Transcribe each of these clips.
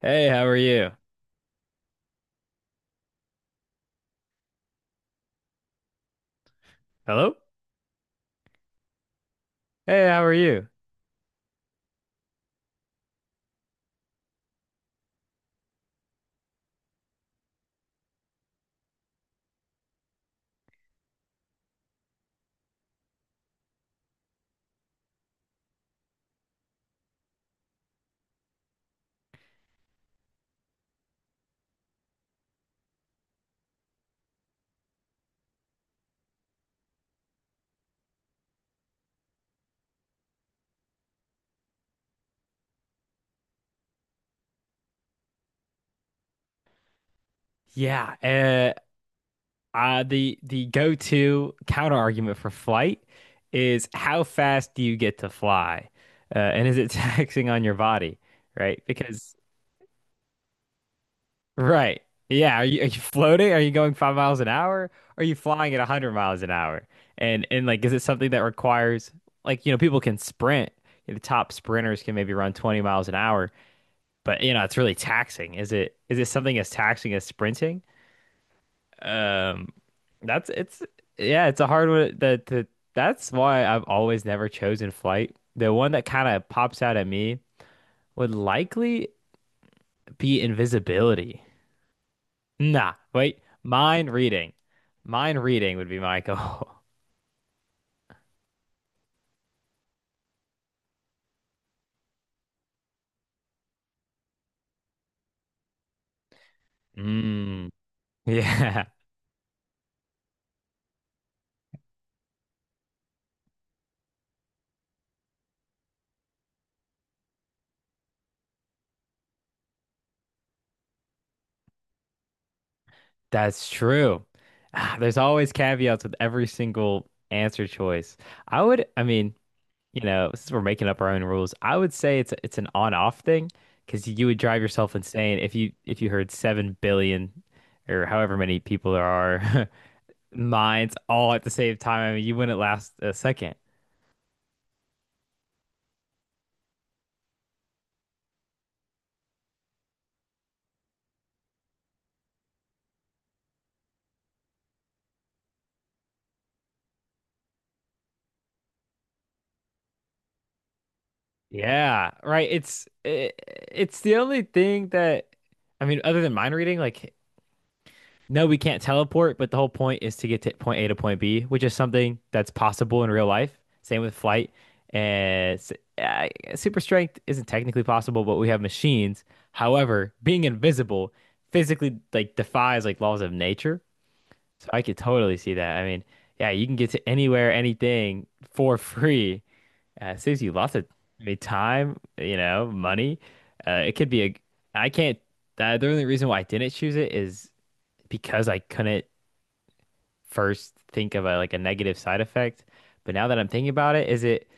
Hey, how are you? Hello? Hey, how are you? Yeah, uh, the go-to counter argument for flight is how fast do you get to fly? And is it taxing on your body, right? Because right. Yeah, are you floating? Are you going 5 miles an hour? Are you flying at 100 miles an hour? And like is it something that requires like you know people can sprint. The top sprinters can maybe run 20 miles an hour, but you know, it's really taxing. Is it something as taxing as sprinting? Um, that's it's yeah, it's a hard one. That's why I've always never chosen flight. The one that kind of pops out at me would likely be invisibility. Nah, wait, mind reading. Mind reading would be my goal. Mm, yeah, that's true. Ah, there's always caveats with every single answer choice. I would, I mean, You know, since we're making up our own rules, I would say it's an on-off thing because you would drive yourself insane if you heard 7 billion or however many people there are minds all at the same time. I mean, you wouldn't last a second. Yeah, right. It's the only thing that I mean, other than mind reading, like no, we can't teleport, but the whole point is to get to point A to point B, which is something that's possible in real life. Same with flight. And s- uh, Super strength isn't technically possible, but we have machines. However, being invisible physically like defies like laws of nature. So I could totally see that. I mean, yeah, you can get to anywhere, anything for free. It saves you lots of, I mean, time, money. It could be a, I can't, The only reason why I didn't choose it is because I couldn't first think of a like a negative side effect. But now that I'm thinking about it, is it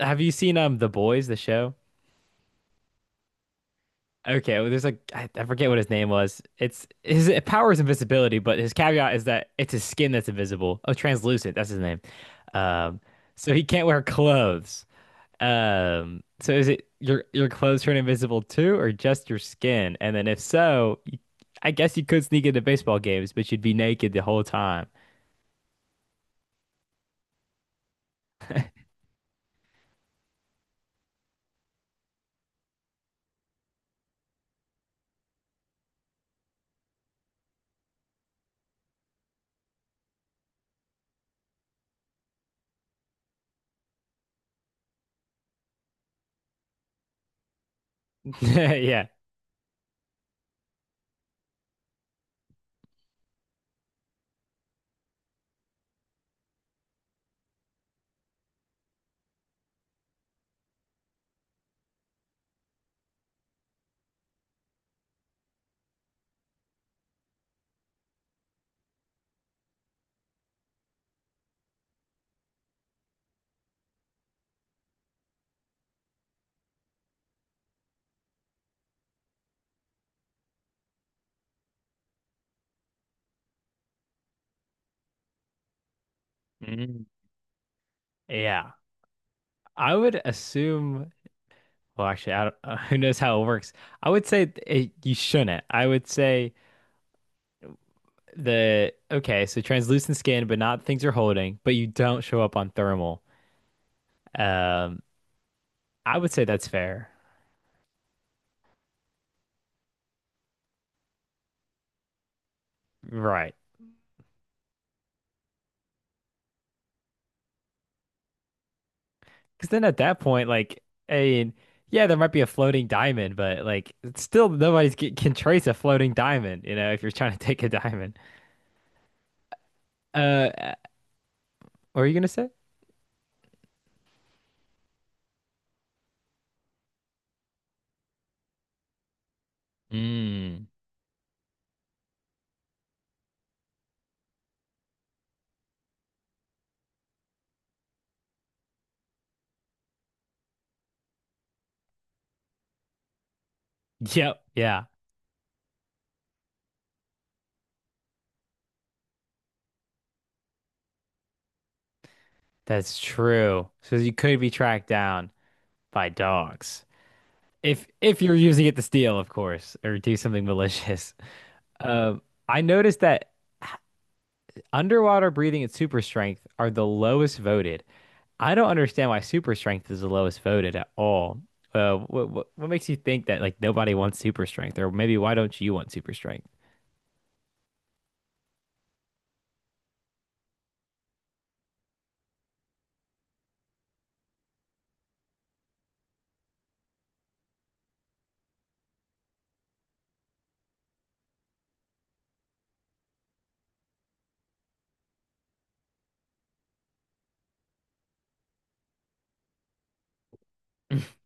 have you seen The Boys, the show? Okay, well, there's like I forget what his name was. It's his power is invisibility, but his caveat is that it's his skin that's invisible. Oh, translucent, that's his name. Um, so he can't wear clothes. So is it your clothes turn invisible too, or just your skin? And then if so, you, I guess you could sneak into baseball games, but you'd be naked the whole time. Yeah. Mm. Yeah. I would assume, well, actually, I don't, who knows how it works. I would say you shouldn't. I would say okay, so translucent skin, but not things you're holding, but you don't show up on thermal. Um, I would say that's fair. Right. Because then at that point, like, I mean, yeah, there might be a floating diamond, but like, it's still nobody's can trace a floating diamond, you know, if you're trying to take a diamond. Uh, uh, what are you gonna say? Mm. Yep. Yeah. That's true. So you could be tracked down by dogs if you're using it to steal, of course, or do something malicious. Um, I noticed that underwater breathing and super strength are the lowest voted. I don't understand why super strength is the lowest voted at all. What makes you think that like nobody wants super strength, or maybe why don't you want super strength?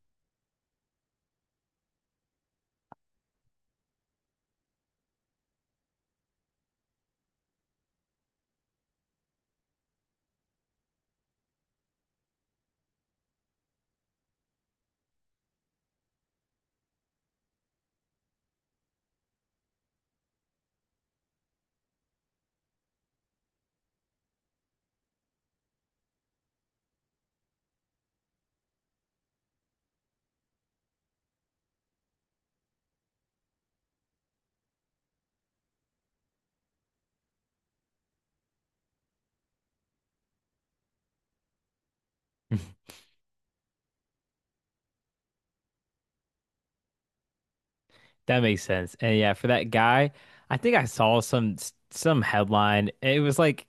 That makes sense. And yeah, for that guy, I think I saw some headline. It was like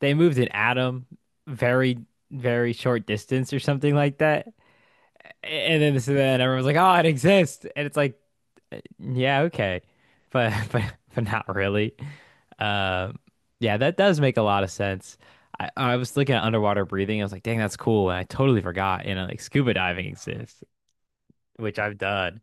they moved an atom very, very short distance or something like that. And then so then everyone's like, "Oh, it exists," and it's like, "Yeah, okay," but but not really. Um, yeah, that does make a lot of sense. I was looking at underwater breathing. I was like, "Dang, that's cool," and I totally forgot. You know, like scuba diving exists, which I've done.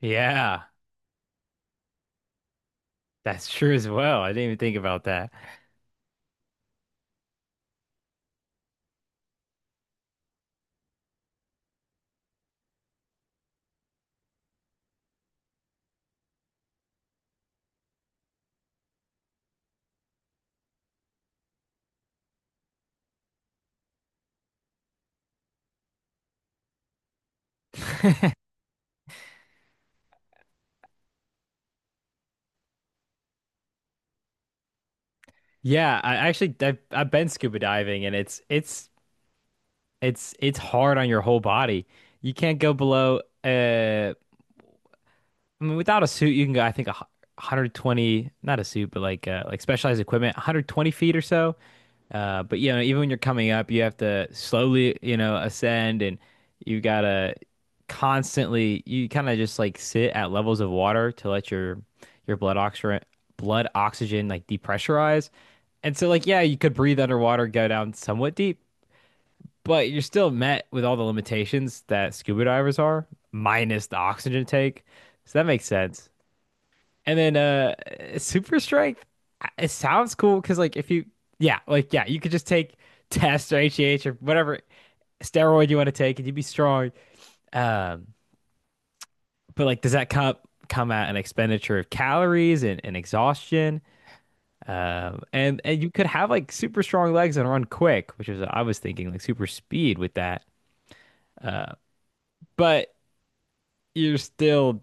Yeah, that's true as well. I didn't even think about that. Yeah, I actually I've been scuba diving, and it's it's hard on your whole body. You can't go below. Uh, I mean, without a suit, you can go. I think 120, not a suit, but like specialized equipment, 120 feet or so. But you know, even when you're coming up, you have to slowly, you know, ascend, and you gotta constantly. You kind of just like sit at levels of water to let your blood oxygen like depressurize. And so, like, yeah, you could breathe underwater, go down somewhat deep, but you're still met with all the limitations that scuba divers are, minus the oxygen take. So that makes sense. And then Super strength, it sounds cool because like if you yeah, like yeah, you could just take tests or HGH or whatever steroid you want to take and you'd be strong. Um, but like does that come at an expenditure of calories and exhaustion? And you could have like super strong legs and run quick, which is I was thinking like super speed with that. But you're still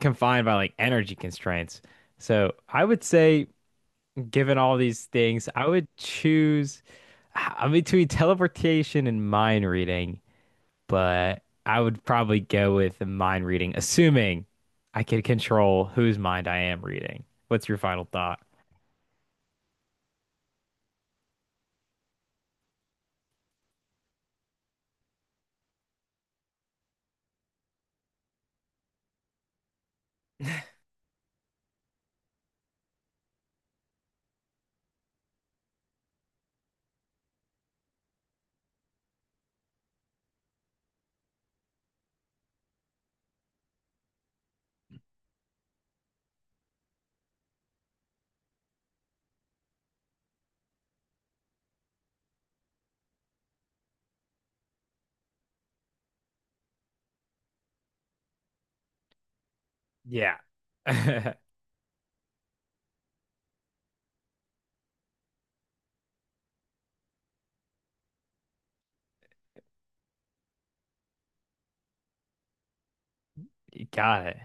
confined by like energy constraints. So I would say, given all these things, I would choose I'm between teleportation and mind reading, but I would probably go with the mind reading, assuming I could control whose mind I am reading. What's your final thought? Yeah. You got it.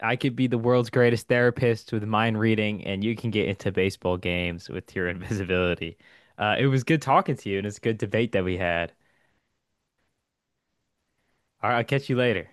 I could be the world's greatest therapist with mind reading, and you can get into baseball games with your invisibility. It was good talking to you, and it's a good debate that we had. All right, I'll catch you later.